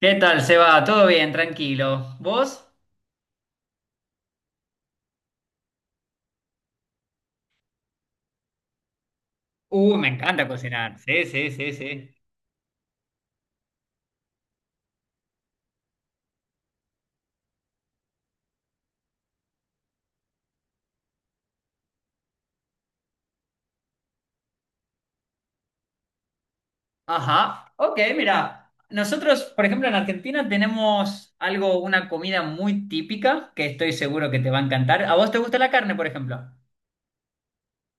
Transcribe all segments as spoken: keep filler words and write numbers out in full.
¿Qué tal, Seba? ¿Todo bien? Tranquilo. ¿Vos? Uh, me encanta cocinar. Sí, sí, sí, sí. Ajá. Ok, mira. Nosotros, por ejemplo, en Argentina tenemos algo, una comida muy típica que estoy seguro que te va a encantar. ¿A vos te gusta la carne, por ejemplo?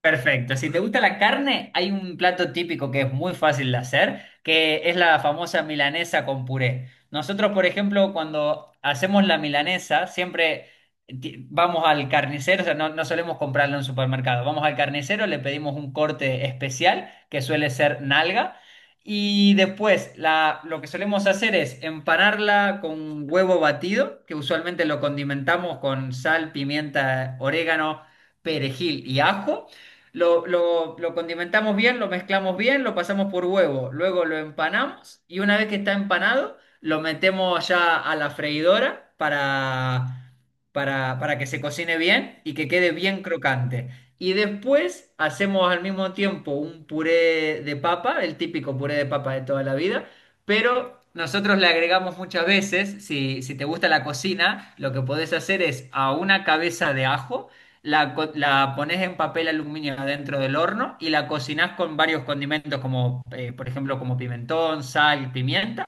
Perfecto. Si te gusta la carne, hay un plato típico que es muy fácil de hacer, que es la famosa milanesa con puré. Nosotros, por ejemplo, cuando hacemos la milanesa, siempre ti- vamos al carnicero, o sea, no, no solemos comprarla en un supermercado. Vamos al carnicero, le pedimos un corte especial, que suele ser nalga, y después la- lo que solemos hacer es empanarla con huevo batido, que usualmente lo condimentamos con sal, pimienta, orégano, perejil y ajo. Lo, lo, lo condimentamos bien, lo mezclamos bien, lo pasamos por huevo, luego lo empanamos y una vez que está empanado, lo metemos ya a la freidora para, para, para que se cocine bien y que quede bien crocante. Y después hacemos al mismo tiempo un puré de papa, el típico puré de papa de toda la vida, pero nosotros le agregamos muchas veces, si, si te gusta la cocina, lo que podés hacer es a una cabeza de ajo. La, co- la pones en papel aluminio adentro del horno y la cocinas con varios condimentos como, eh, por ejemplo, como pimentón, sal, pimienta.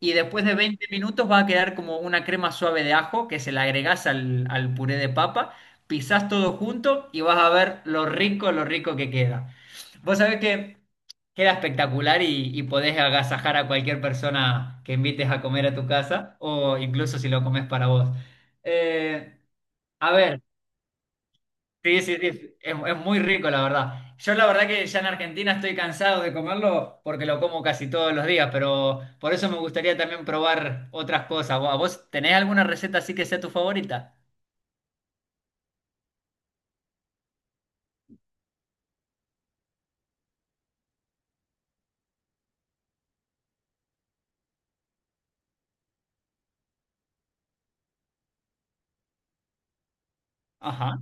Y después de veinte minutos va a quedar como una crema suave de ajo que se la agregás al, al puré de papa, pisás todo junto y vas a ver lo rico, lo rico que queda. Vos sabés que queda espectacular y, y podés agasajar a cualquier persona que invites a comer a tu casa o incluso si lo comes para vos. Eh, a ver. Sí, sí, sí, es, es muy rico, la verdad. Yo la verdad que ya en Argentina estoy cansado de comerlo porque lo como casi todos los días, pero por eso me gustaría también probar otras cosas. ¿Vo- ¿Vos tenés alguna receta así que sea tu favorita? Ajá,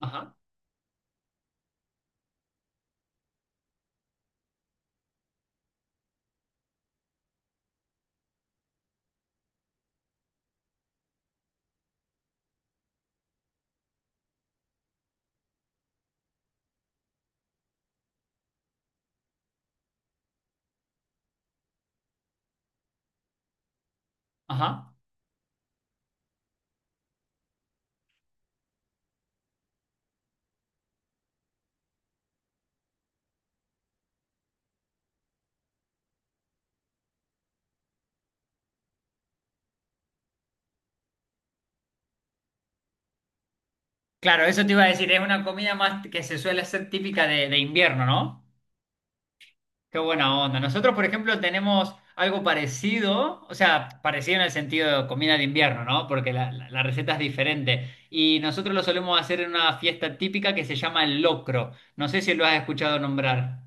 ajá, ajá. Claro, eso te iba a decir, es una comida más que se suele hacer típica de, de invierno, ¿no? Qué buena onda. Nosotros, por ejemplo, tenemos algo parecido, o sea, parecido en el sentido de comida de invierno, ¿no? Porque la, la- la receta es diferente. Y nosotros lo solemos hacer en una fiesta típica que se llama el locro. No sé si lo has escuchado nombrar.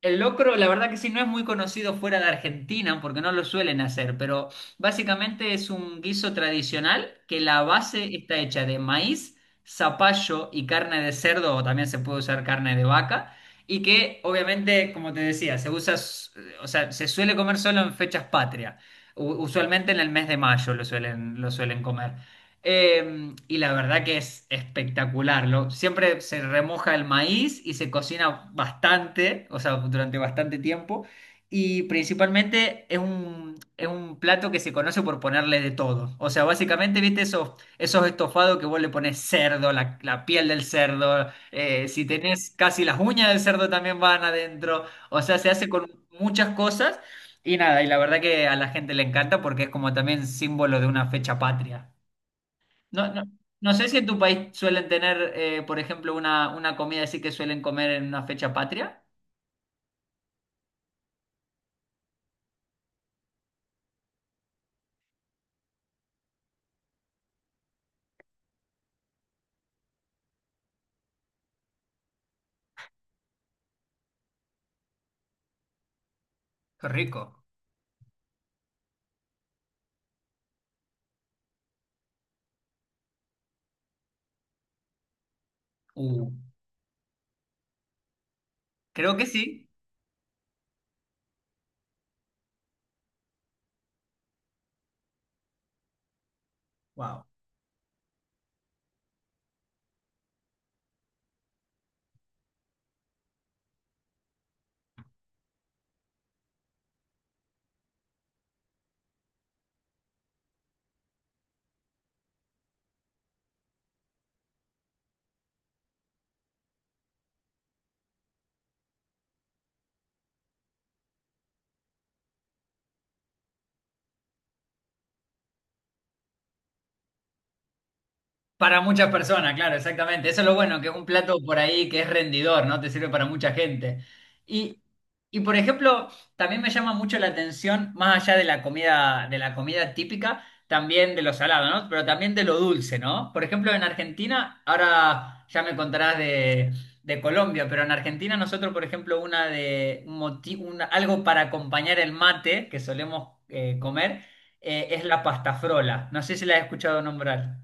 El locro, la verdad que sí, no es muy conocido fuera de Argentina porque no lo suelen hacer, pero básicamente es un guiso tradicional que la base está hecha de maíz, zapallo y carne de cerdo, o también se puede usar carne de vaca, y que obviamente, como te decía, se usa, s- o sea, se suele comer solo en fechas patrias, usualmente en el mes de mayo lo suelen, lo suelen comer. Eh, y la verdad que es espectacular, lo siempre se remoja el maíz y se cocina bastante, o sea, durante bastante tiempo. Y principalmente es un, es un plato que se conoce por ponerle de todo. O sea, básicamente, ¿viste esos, esos estofados que vos le pones cerdo, la, la piel del cerdo? eh, si tenés casi las uñas del cerdo también van adentro. O sea, se hace con muchas cosas. Y nada, y la verdad que a la gente le encanta porque es como también símbolo de una fecha patria. No, no, no sé si en tu país suelen tener, eh, por ejemplo, una, una comida así que suelen comer en una fecha patria. Qué rico. Uh, creo que sí. Wow. Para muchas personas, claro, exactamente. Eso es lo bueno, que es un plato por ahí que es rendidor, ¿no? Te sirve para mucha gente. Y, y por ejemplo, también me llama mucho la atención, más allá de la comida, de la comida típica, también de lo salado, ¿no? Pero también de lo dulce, ¿no? Por ejemplo, en Argentina, ahora ya me contarás de, de Colombia, pero en Argentina nosotros, por ejemplo, una de un moti- una- algo para acompañar el mate que solemos eh, comer, eh, es la pastafrola. No sé si la has escuchado nombrar.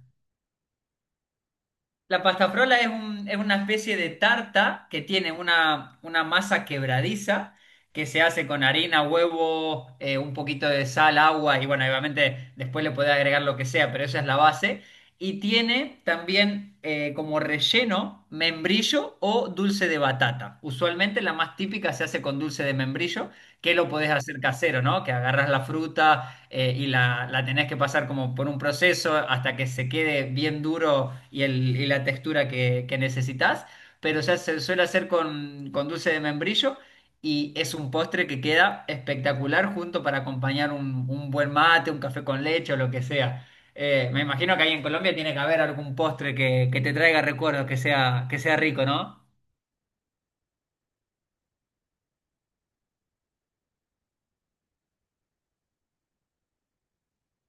La pastafrola es, un- es una especie de tarta que tiene una, una masa quebradiza que se hace con harina, huevo, eh, un poquito de sal, agua y bueno, obviamente después le puede agregar lo que sea, pero esa es la base. Y tiene también eh, como relleno membrillo o dulce de batata. Usualmente la más típica se hace con dulce de membrillo, que lo podés hacer casero, ¿no? Que agarras la fruta, eh, y la, la tenés que pasar como por un proceso hasta que se quede bien duro y, el, y la textura que, que necesitas, pero ya se suele hacer con, con dulce de membrillo y es un postre que queda espectacular junto para acompañar un, un buen mate, un café con leche o lo que sea. Eh, me imagino que ahí en Colombia tiene que haber algún postre que, que te traiga recuerdos, que sea, que sea rico, ¿no?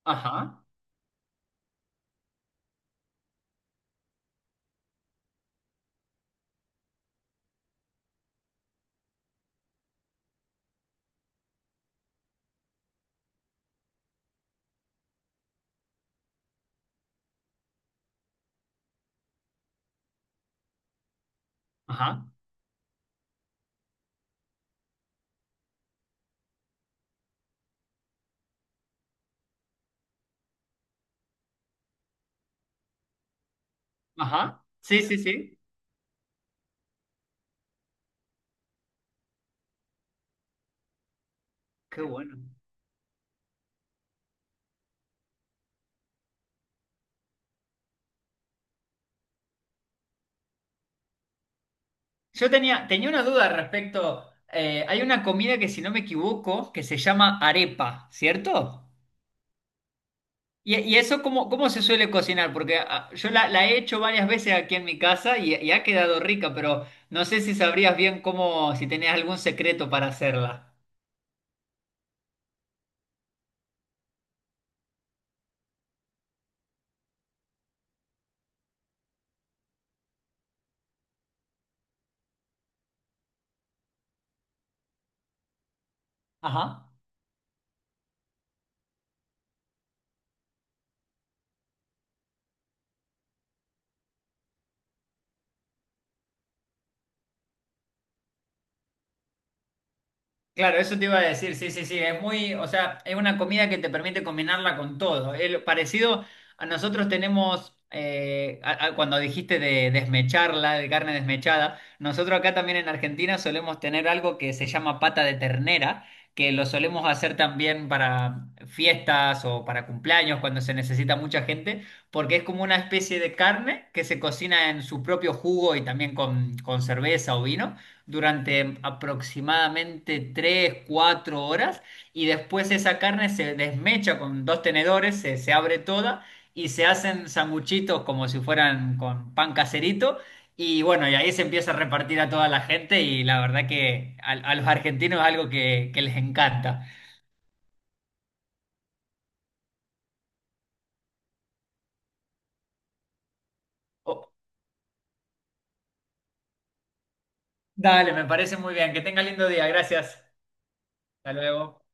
Ajá, ajá, ajá. Sí, sí, sí. Qué bueno. Yo tenía, tenía una duda respecto. eh, hay una comida que, si no me equivoco, que se llama arepa, ¿cierto? ¿Y, ¿y eso cómo, cómo se suele cocinar? Porque ah, yo la, la he hecho varias veces aquí en mi casa y, y ha quedado rica, pero no sé si sabrías bien cómo, si tenías algún secreto para hacerla. Ajá. Claro, eso te iba a decir, sí, sí, sí, es muy, o sea, es una comida que te permite combinarla con todo. El, parecido a nosotros tenemos, eh, a- a- cuando dijiste de desmecharla, de carne desmechada, nosotros acá también en Argentina solemos tener algo que se llama pata de ternera, que lo solemos hacer también para fiestas o para cumpleaños cuando se necesita mucha gente, porque es como una especie de carne que se cocina en su propio jugo y también con, con cerveza o vino durante aproximadamente tres cuatro horas y después esa carne se desmecha con dos tenedores, se, se abre toda y se hacen sanguchitos como si fueran con pan caserito y bueno, y ahí se empieza a repartir a toda la gente y la verdad que a, a los argentinos es algo que, que les encanta. Oh, Dale, me parece muy bien, que tenga lindo día, gracias. Hasta luego.